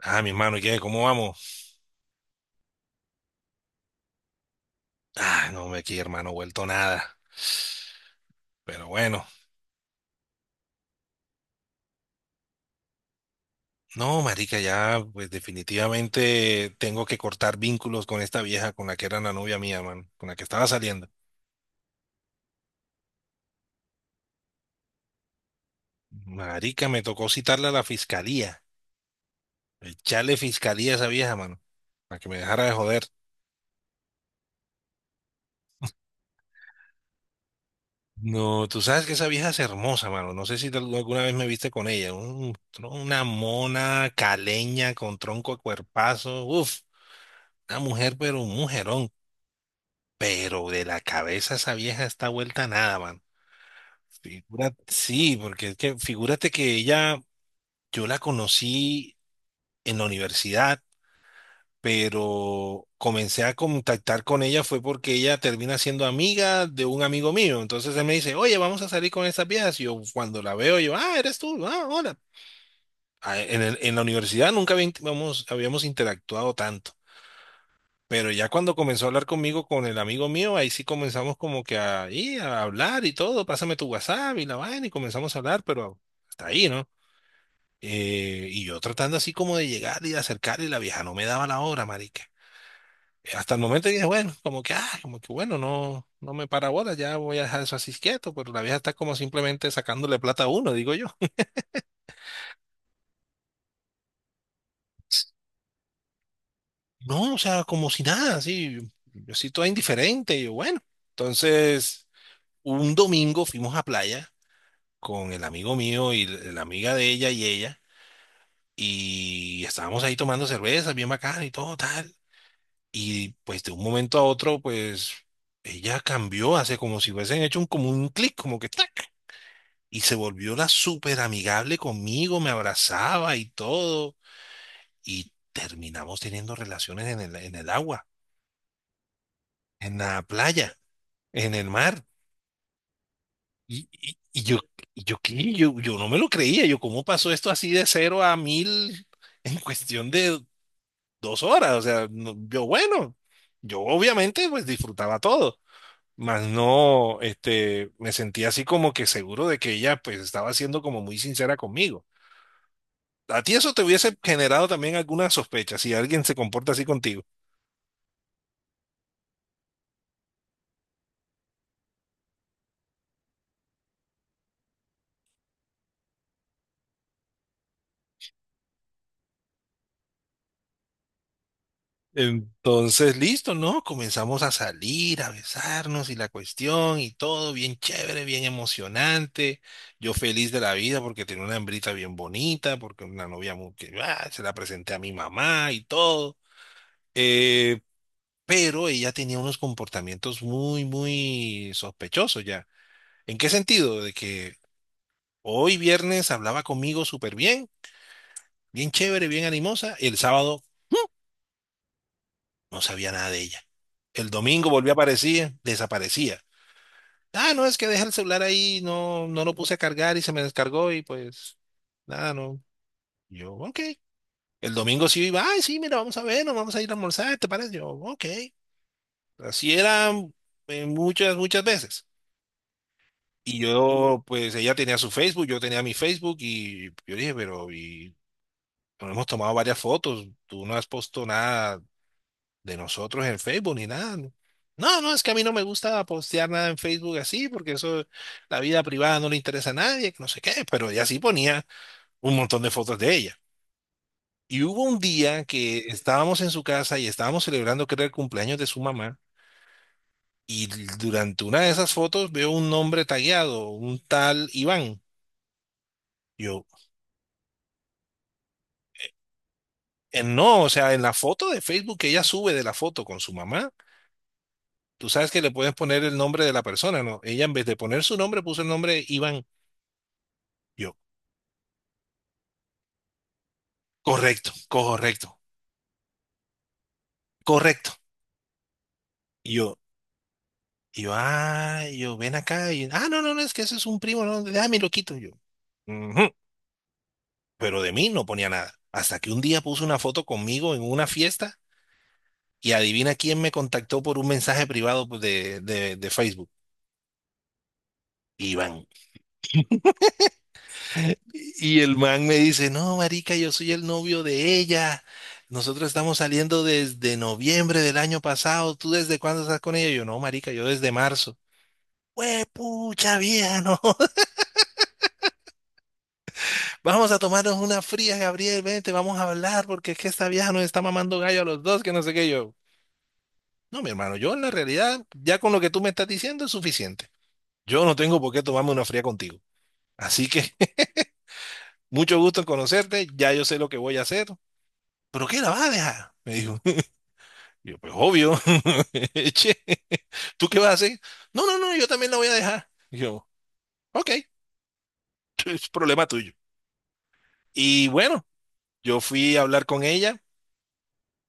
Ah, mi hermano, ¿y qué? ¿Cómo vamos? Ah, no, me aquí, hermano, vuelto nada. Pero bueno, no, marica, ya, pues definitivamente tengo que cortar vínculos con esta vieja con la que era la novia mía, man, con la que estaba saliendo. Marica, me tocó citarla a la fiscalía, echarle fiscalía a esa vieja, mano, para que me dejara de joder. No, tú sabes que esa vieja es hermosa, mano. No sé si alguna vez me viste con ella. Un tro- una mona caleña con tronco a cuerpazo. Uf, una mujer, pero un mujerón. Pero de la cabeza esa vieja está vuelta a nada, man. Sí, porque es que figúrate que ella, yo la conocí en la universidad, pero comencé a contactar con ella fue porque ella termina siendo amiga de un amigo mío. Entonces él me dice, oye, vamos a salir con estas viejas. Y yo cuando la veo, yo, ah, eres tú, ah, hola. Ah, en la universidad nunca habíamos interactuado tanto. Pero ya cuando comenzó a hablar conmigo, con el amigo mío, ahí sí comenzamos como que a, y a hablar y todo, pásame tu WhatsApp y la vaina y comenzamos a hablar, pero hasta ahí, ¿no? Y yo tratando así como de llegar y de acercar y la vieja no me daba la hora, marica. Hasta el momento dije, bueno, como que, ah, como que bueno, no, no me para bola, ya voy a dejar eso así quieto, pero la vieja está como simplemente sacándole plata a uno, digo yo. No, o sea, como si nada, así, yo sí toda indiferente, y yo, bueno. Entonces, un domingo fuimos a playa con el amigo mío y la amiga de ella y ella, y estábamos ahí tomando cerveza, bien bacán y todo tal, y pues de un momento a otro, pues ella cambió, hace como si hubiesen hecho un, como un clic, como que ¡tac! Y se volvió la súper amigable conmigo, me abrazaba y todo, y terminamos teniendo relaciones en el agua, en la playa, en el mar. Y yo, y yo, ¿qué? yo no me lo creía, yo, ¿cómo pasó esto así de cero a mil en cuestión de 2 horas? O sea, yo bueno, yo obviamente pues disfrutaba todo, mas no, este, me sentía así como que seguro de que ella pues estaba siendo como muy sincera conmigo. A ti eso te hubiese generado también alguna sospecha si alguien se comporta así contigo. Entonces, listo, ¿no? Comenzamos a salir, a besarnos y la cuestión y todo bien chévere, bien emocionante. Yo feliz de la vida porque tenía una hembrita bien bonita, porque una novia muy que ah, se la presenté a mi mamá y todo. Eh, pero ella tenía unos comportamientos muy, muy sospechosos ya. ¿En qué sentido? De que hoy viernes hablaba conmigo súper bien, bien chévere, bien animosa, y el sábado no sabía nada de ella. El domingo volvió a aparecer, desaparecía. Ah, no, es que deja el celular ahí, no, no lo puse a cargar y se me descargó y pues nada, no. Yo, ok. El domingo sí iba, ay, sí, mira, vamos a ver, nos vamos a ir a almorzar, ¿te parece? Yo, ok. Así era muchas, muchas veces. Y yo, pues ella tenía su Facebook, yo tenía mi Facebook y yo dije, pero y nos hemos tomado varias fotos, tú no has puesto nada de nosotros en Facebook ni nada. No, no, no, es que a mí no me gusta postear nada en Facebook así, porque eso, la vida privada no le interesa a nadie, que no sé qué, pero ella sí ponía un montón de fotos de ella. Y hubo un día que estábamos en su casa y estábamos celebrando, que era el cumpleaños de su mamá, y durante una de esas fotos veo un nombre tagueado, un tal Iván. Yo, no, o sea, en la foto de Facebook que ella sube de la foto con su mamá, tú sabes que le puedes poner el nombre de la persona, ¿no? Ella en vez de poner su nombre puso el nombre de Iván. Yo, correcto, correcto, correcto. Y yo, y yo, ven acá. Y, ah, no, no, no, es que ese es un primo, no, déjame lo quito. Y yo, "Ujú". Pero de mí no ponía nada. Hasta que un día puso una foto conmigo en una fiesta y adivina quién me contactó por un mensaje privado pues, de, de Facebook. Iván. Y el man me dice, no, marica, yo soy el novio de ella. Nosotros estamos saliendo desde noviembre del año pasado. ¿Tú desde cuándo estás con ella? Yo, no, marica, yo desde marzo. Pues pucha vieja, no. Vamos a tomarnos una fría, Gabriel, vente, vamos a hablar, porque es que esta vieja nos está mamando gallo a los dos, que no sé qué. Yo, no, mi hermano, yo en la realidad, ya con lo que tú me estás diciendo es suficiente. Yo no tengo por qué tomarme una fría contigo. Así que, mucho gusto en conocerte, ya yo sé lo que voy a hacer. ¿Pero qué la vas a dejar? Me dijo. Y yo, pues obvio. Che, ¿tú qué vas a hacer? No, no, no, yo también la voy a dejar. Y yo, ok, es problema tuyo. Y bueno, yo fui a hablar con ella.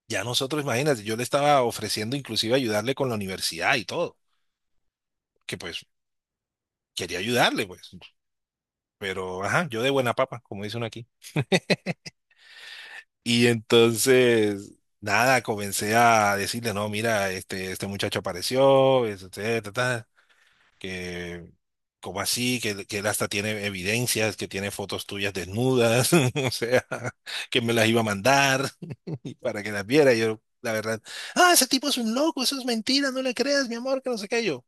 Ya nosotros, imagínate, yo le estaba ofreciendo inclusive ayudarle con la universidad y todo, que pues quería ayudarle, pues. Pero, ajá, yo de buena papa, como dice uno aquí. Y entonces, nada, comencé a decirle, no, mira, este muchacho apareció, este, que como así, que él hasta tiene evidencias, que tiene fotos tuyas desnudas, o sea, que me las iba a mandar y para que las viera. Y yo, la verdad, ah, ese tipo es un loco, eso es mentira, no le creas, mi amor, que no sé qué yo.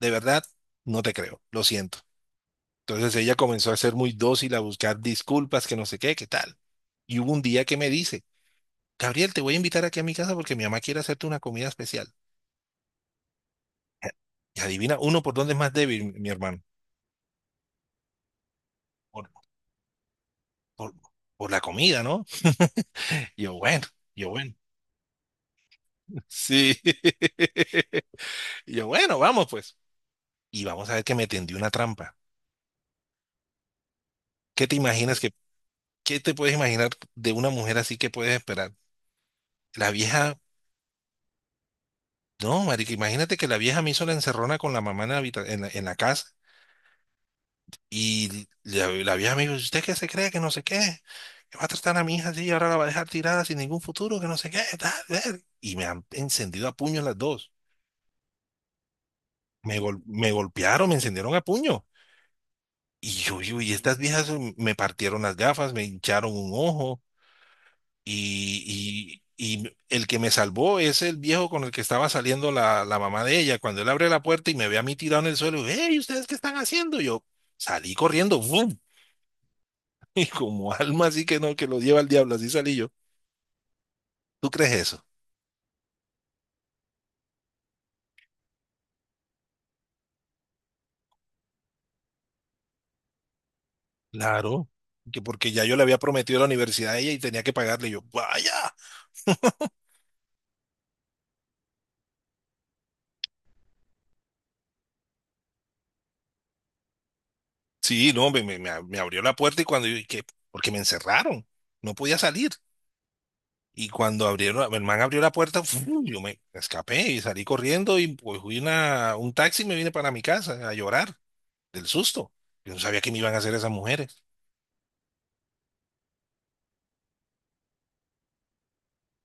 De verdad, no te creo, lo siento. Entonces ella comenzó a ser muy dócil, a buscar disculpas, que no sé qué, qué tal. Y hubo un día que me dice, Gabriel, te voy a invitar aquí a mi casa porque mi mamá quiere hacerte una comida especial. Y adivina, uno por dónde es más débil, mi hermano. por, por la comida, ¿no? Yo, bueno, yo, bueno. Sí. Yo, bueno, vamos pues. Y vamos a ver que me tendió una trampa. ¿Qué te imaginas que, qué te puedes imaginar de una mujer así que puedes esperar? La vieja, no, marica, imagínate que la vieja me hizo la encerrona con la mamá en la, en la casa y la vieja me dijo, ¿usted qué se cree que no sé qué? Que va a tratar a mi hija así y ahora la va a dejar tirada sin ningún futuro, que no sé qué, tal, ver. Y me han encendido a puños las dos. Me golpearon, me encendieron a puño. Y yo, y estas viejas me partieron las gafas, me hincharon un ojo. Y el que me salvó es el viejo con el que estaba saliendo la mamá de ella. Cuando él abre la puerta y me ve a mí tirado en el suelo, hey, ¿ustedes qué están haciendo? Yo salí corriendo, ¡fum! Y como alma así que no, que lo lleva al diablo, así salí yo. ¿Tú crees eso? Claro, que porque ya yo le había prometido a la universidad a ella y tenía que pagarle. Yo, vaya. Sí, no, me abrió la puerta y cuando yo, ¿y qué? Porque me encerraron, no podía salir. Y cuando abrieron, el man abrió la puerta, ¡fu! Yo me escapé y salí corriendo y pues fui una, un taxi y me vine para mi casa a llorar del susto. Yo no sabía qué me iban a hacer esas mujeres.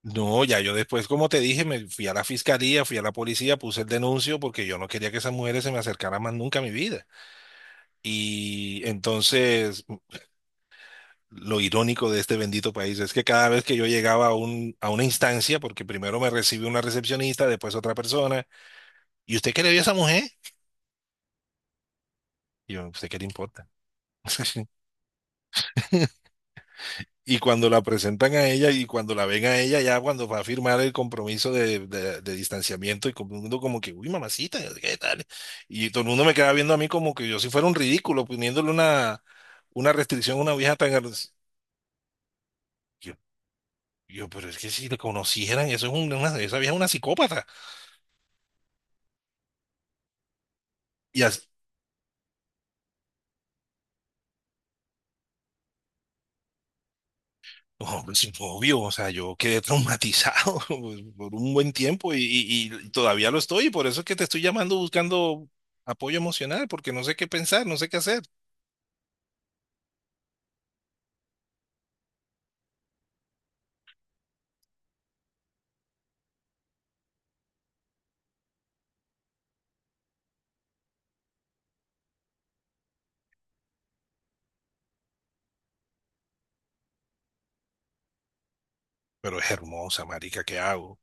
No, ya yo después, como te dije, me fui a la fiscalía, fui a la policía, puse el denuncio porque yo no quería que esas mujeres se me acercaran más nunca a mi vida. Y entonces lo irónico de este bendito país es que cada vez que yo llegaba a un, a una instancia, porque primero me recibió una recepcionista, después otra persona, ¿y usted qué le vio a esa mujer? Y yo, ¿usted qué le importa? Y cuando la presentan a ella y cuando la ven a ella, ya cuando va a firmar el compromiso de, de distanciamiento y todo el mundo como que, uy, mamacita, ¿qué tal? Y todo el mundo me queda viendo a mí como que yo si fuera un ridículo poniéndole una restricción a una vieja tan... Yo, yo, pero es que si la conocieran, eso es una, esa vieja es una psicópata. Y, as- Oh, pues, obvio, o sea, yo quedé traumatizado pues, por un buen tiempo y, y todavía lo estoy, y por eso es que te estoy llamando buscando apoyo emocional, porque no sé qué pensar, no sé qué hacer. Pero es hermosa, marica, ¿qué hago?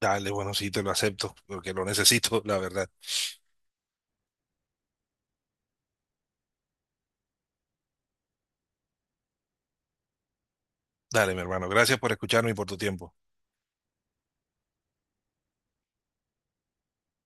Dale, bueno, sí, te lo acepto, porque lo necesito, la verdad. Dale, mi hermano, gracias por escucharme y por tu tiempo.